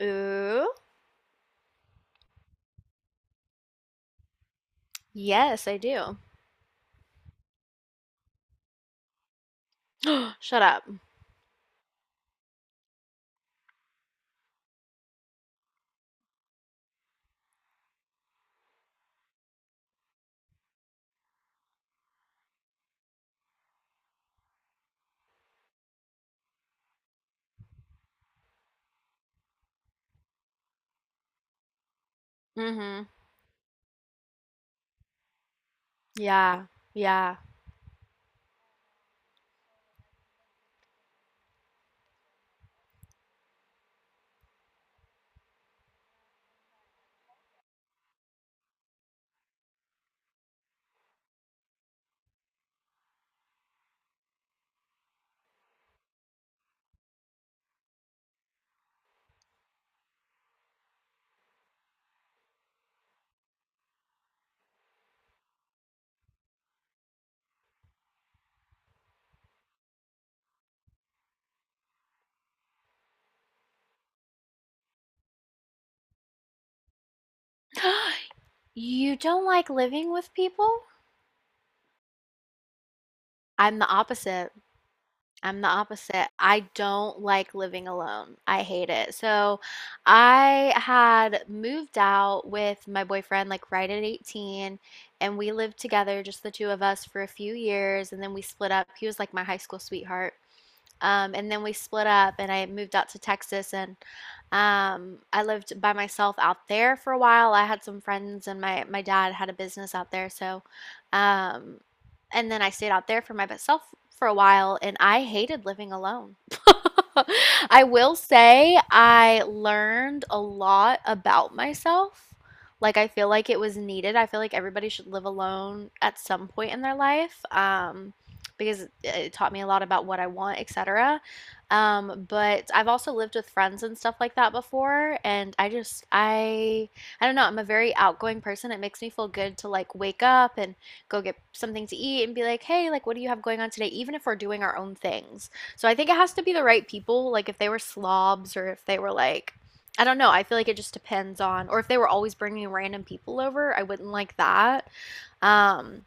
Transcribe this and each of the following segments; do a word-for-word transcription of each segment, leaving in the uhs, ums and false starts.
Ooh. Yes, I do. Shut up. Mm-hmm. Yeah. Yeah. You don't like living with people? I'm the opposite. I'm the opposite. I don't like living alone. I hate it. So I had moved out with my boyfriend like right at eighteen, and we lived together just the two of us for a few years, and then we split up. He was like my high school sweetheart. Um, and then we split up, and I moved out to Texas, and um, I lived by myself out there for a while. I had some friends, and my my dad had a business out there, so um, and then I stayed out there for myself for a while, and I hated living alone. I will say I learned a lot about myself. Like, I feel like it was needed. I feel like everybody should live alone at some point in their life. Um, because it- taught me a lot about what I want, et cetera. Um, but I've also lived with friends and stuff like that before, and I just I I don't know, I'm a very outgoing person. It makes me feel good to like wake up and go get something to eat and be like, hey, like, what do you have going on today? Even if we're doing our own things. So I think it has to be the right people. Like, if they were slobs or if they were like, I don't know. I feel like it just depends on, or if they were always bringing random people over, I wouldn't like that. Um,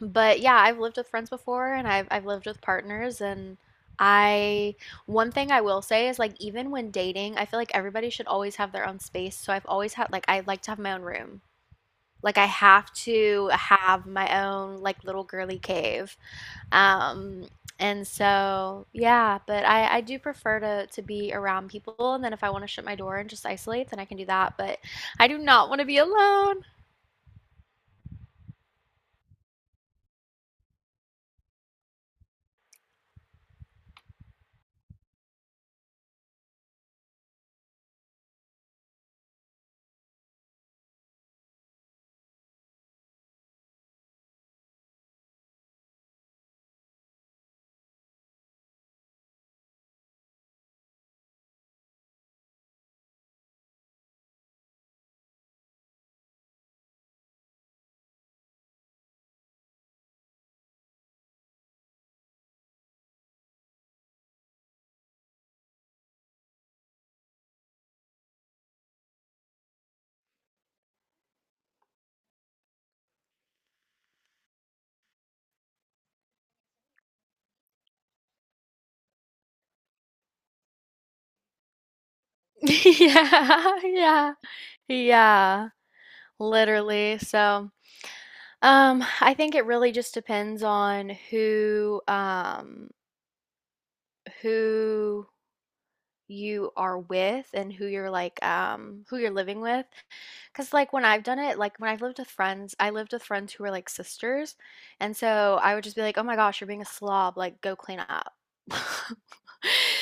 but yeah, I've lived with friends before and I've, I've lived with partners, and I, one thing I will say is like, even when dating, I feel like everybody should always have their own space. So I've always had, like, I like to have my own room. Like, I have to have my own like little girly cave. Um, and so yeah, but I I do prefer to to be around people, and then if I want to shut my door and just isolate, then I can do that, but I do not want to be alone. Yeah, yeah. Yeah, literally. So, um, I think it really just depends on who um who you are with and who you're like um who you're living with, because like when I've done it, like when I've lived with friends, I lived with friends who were like sisters, and so I would just be like, oh my gosh, you're being a slob, like go clean up.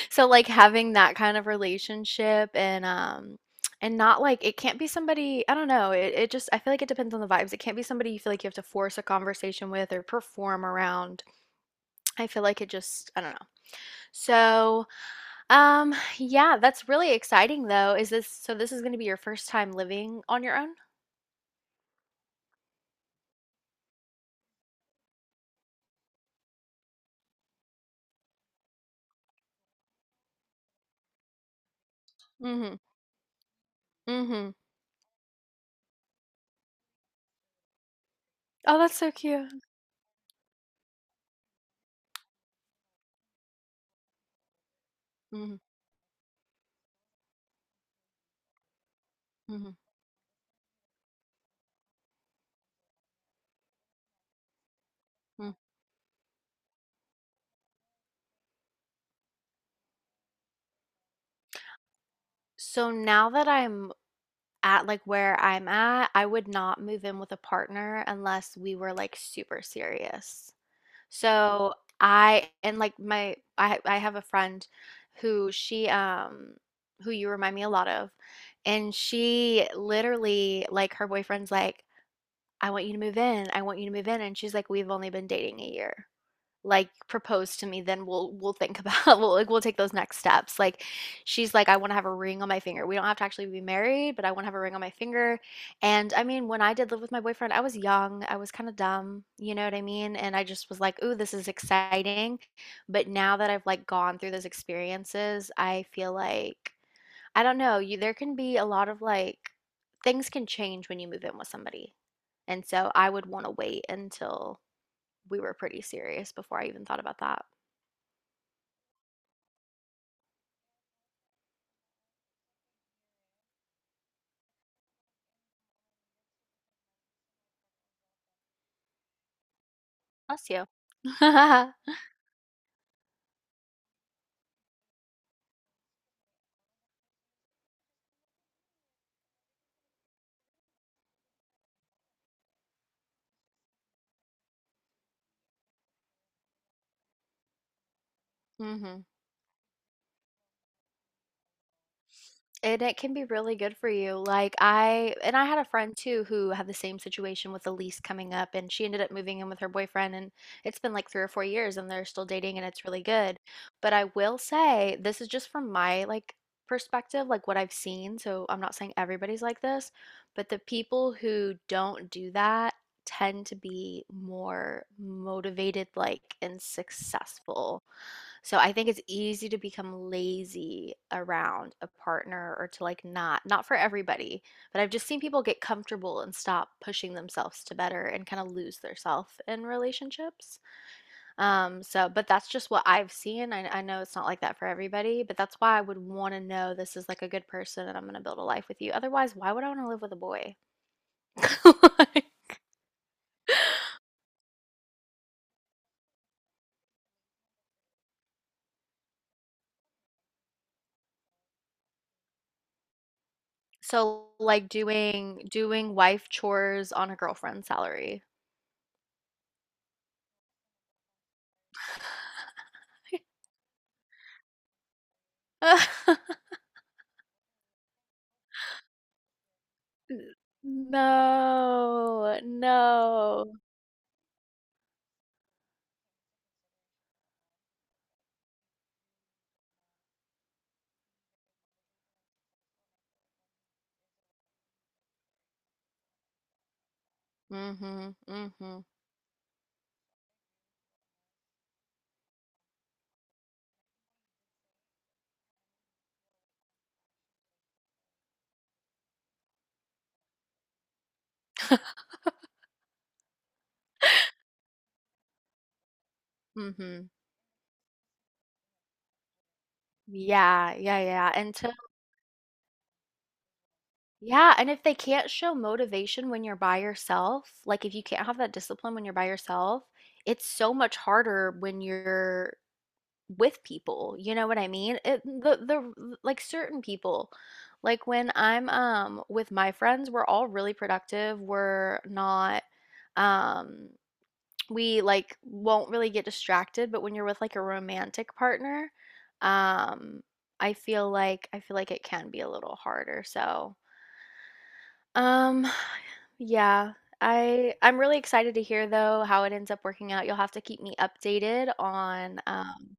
So like having that kind of relationship, and um and not like it can't be somebody, I don't know, it, it just I feel like it depends on the vibes. It can't be somebody you feel like you have to force a conversation with or perform around. I feel like it just, I don't know. so um, yeah, that's really exciting though. Is this so this is gonna be your first time living on your own? Mhm. Mhm. Oh, that's so cute. Mhm. Mhm. Mm. So now that I'm at like where I'm at, I would not move in with a partner unless we were like super serious. So I and like my I I have a friend who she um who you remind me a lot of, and she literally like her boyfriend's like, I want you to move in. I want you to move in. And she's like, we've only been dating a year. Like, propose to me, then we'll we'll think about we'll like we'll take those next steps. Like, she's like, I want to have a ring on my finger. We don't have to actually be married, but I want to have a ring on my finger. And I mean, when I did live with my boyfriend, I was young, I was kind of dumb, you know what I mean? And I just was like, ooh, this is exciting. But now that I've like gone through those experiences, I feel like I don't know, you there can be a lot of, like, things can change when you move in with somebody, and so I would wanna wait until we were pretty serious before I even thought about that. Bless you. Mhm. And it can be really good for you. Like I and I had a friend too who had the same situation with a lease coming up, and she ended up moving in with her boyfriend, and it's been like three or four years and they're still dating and it's really good. But I will say this is just from my like perspective, like what I've seen. So I'm not saying everybody's like this, but the people who don't do that tend to be more motivated like and successful. So I think it's easy to become lazy around a partner or to like not, not for everybody, but I've just seen people get comfortable and stop pushing themselves to better and kind of lose their self in relationships. Um, so, but that's just what I've seen. I, I know it's not like that for everybody, but that's why I would want to know this is like a good person and I'm going to build a life with you. Otherwise, why would I want to live with a boy? Like, so like doing doing wife chores on a girlfriend's salary. N No, no. Mhm, mhm, mhm. Yeah, yeah, yeah, until yeah, and if they can't show motivation when you're by yourself, like, if you can't have that discipline when you're by yourself, it's so much harder when you're with people, you know what I mean? It the the like, certain people, like, when I'm, um, with my friends, we're all really productive, we're not, um we like won't really get distracted, but when you're with like a romantic partner, um, I feel like I feel like it can be a little harder. So, um, yeah, I I'm really excited to hear though how it ends up working out. You'll have to keep me updated on um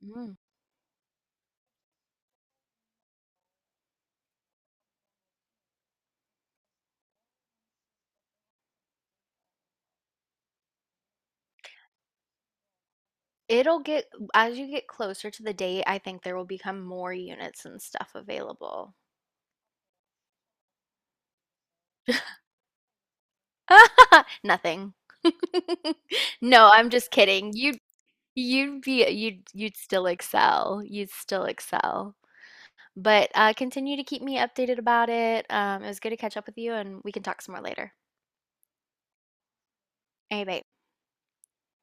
Mhm. It'll get as you get closer to the date, I think there will become more units and stuff available. Nothing. No, I'm just kidding. You You'd be you'd you'd still excel, you'd still excel. But, uh, continue to keep me updated about it, um, it was good to catch up with you, and we can talk some more later. Hey, bye.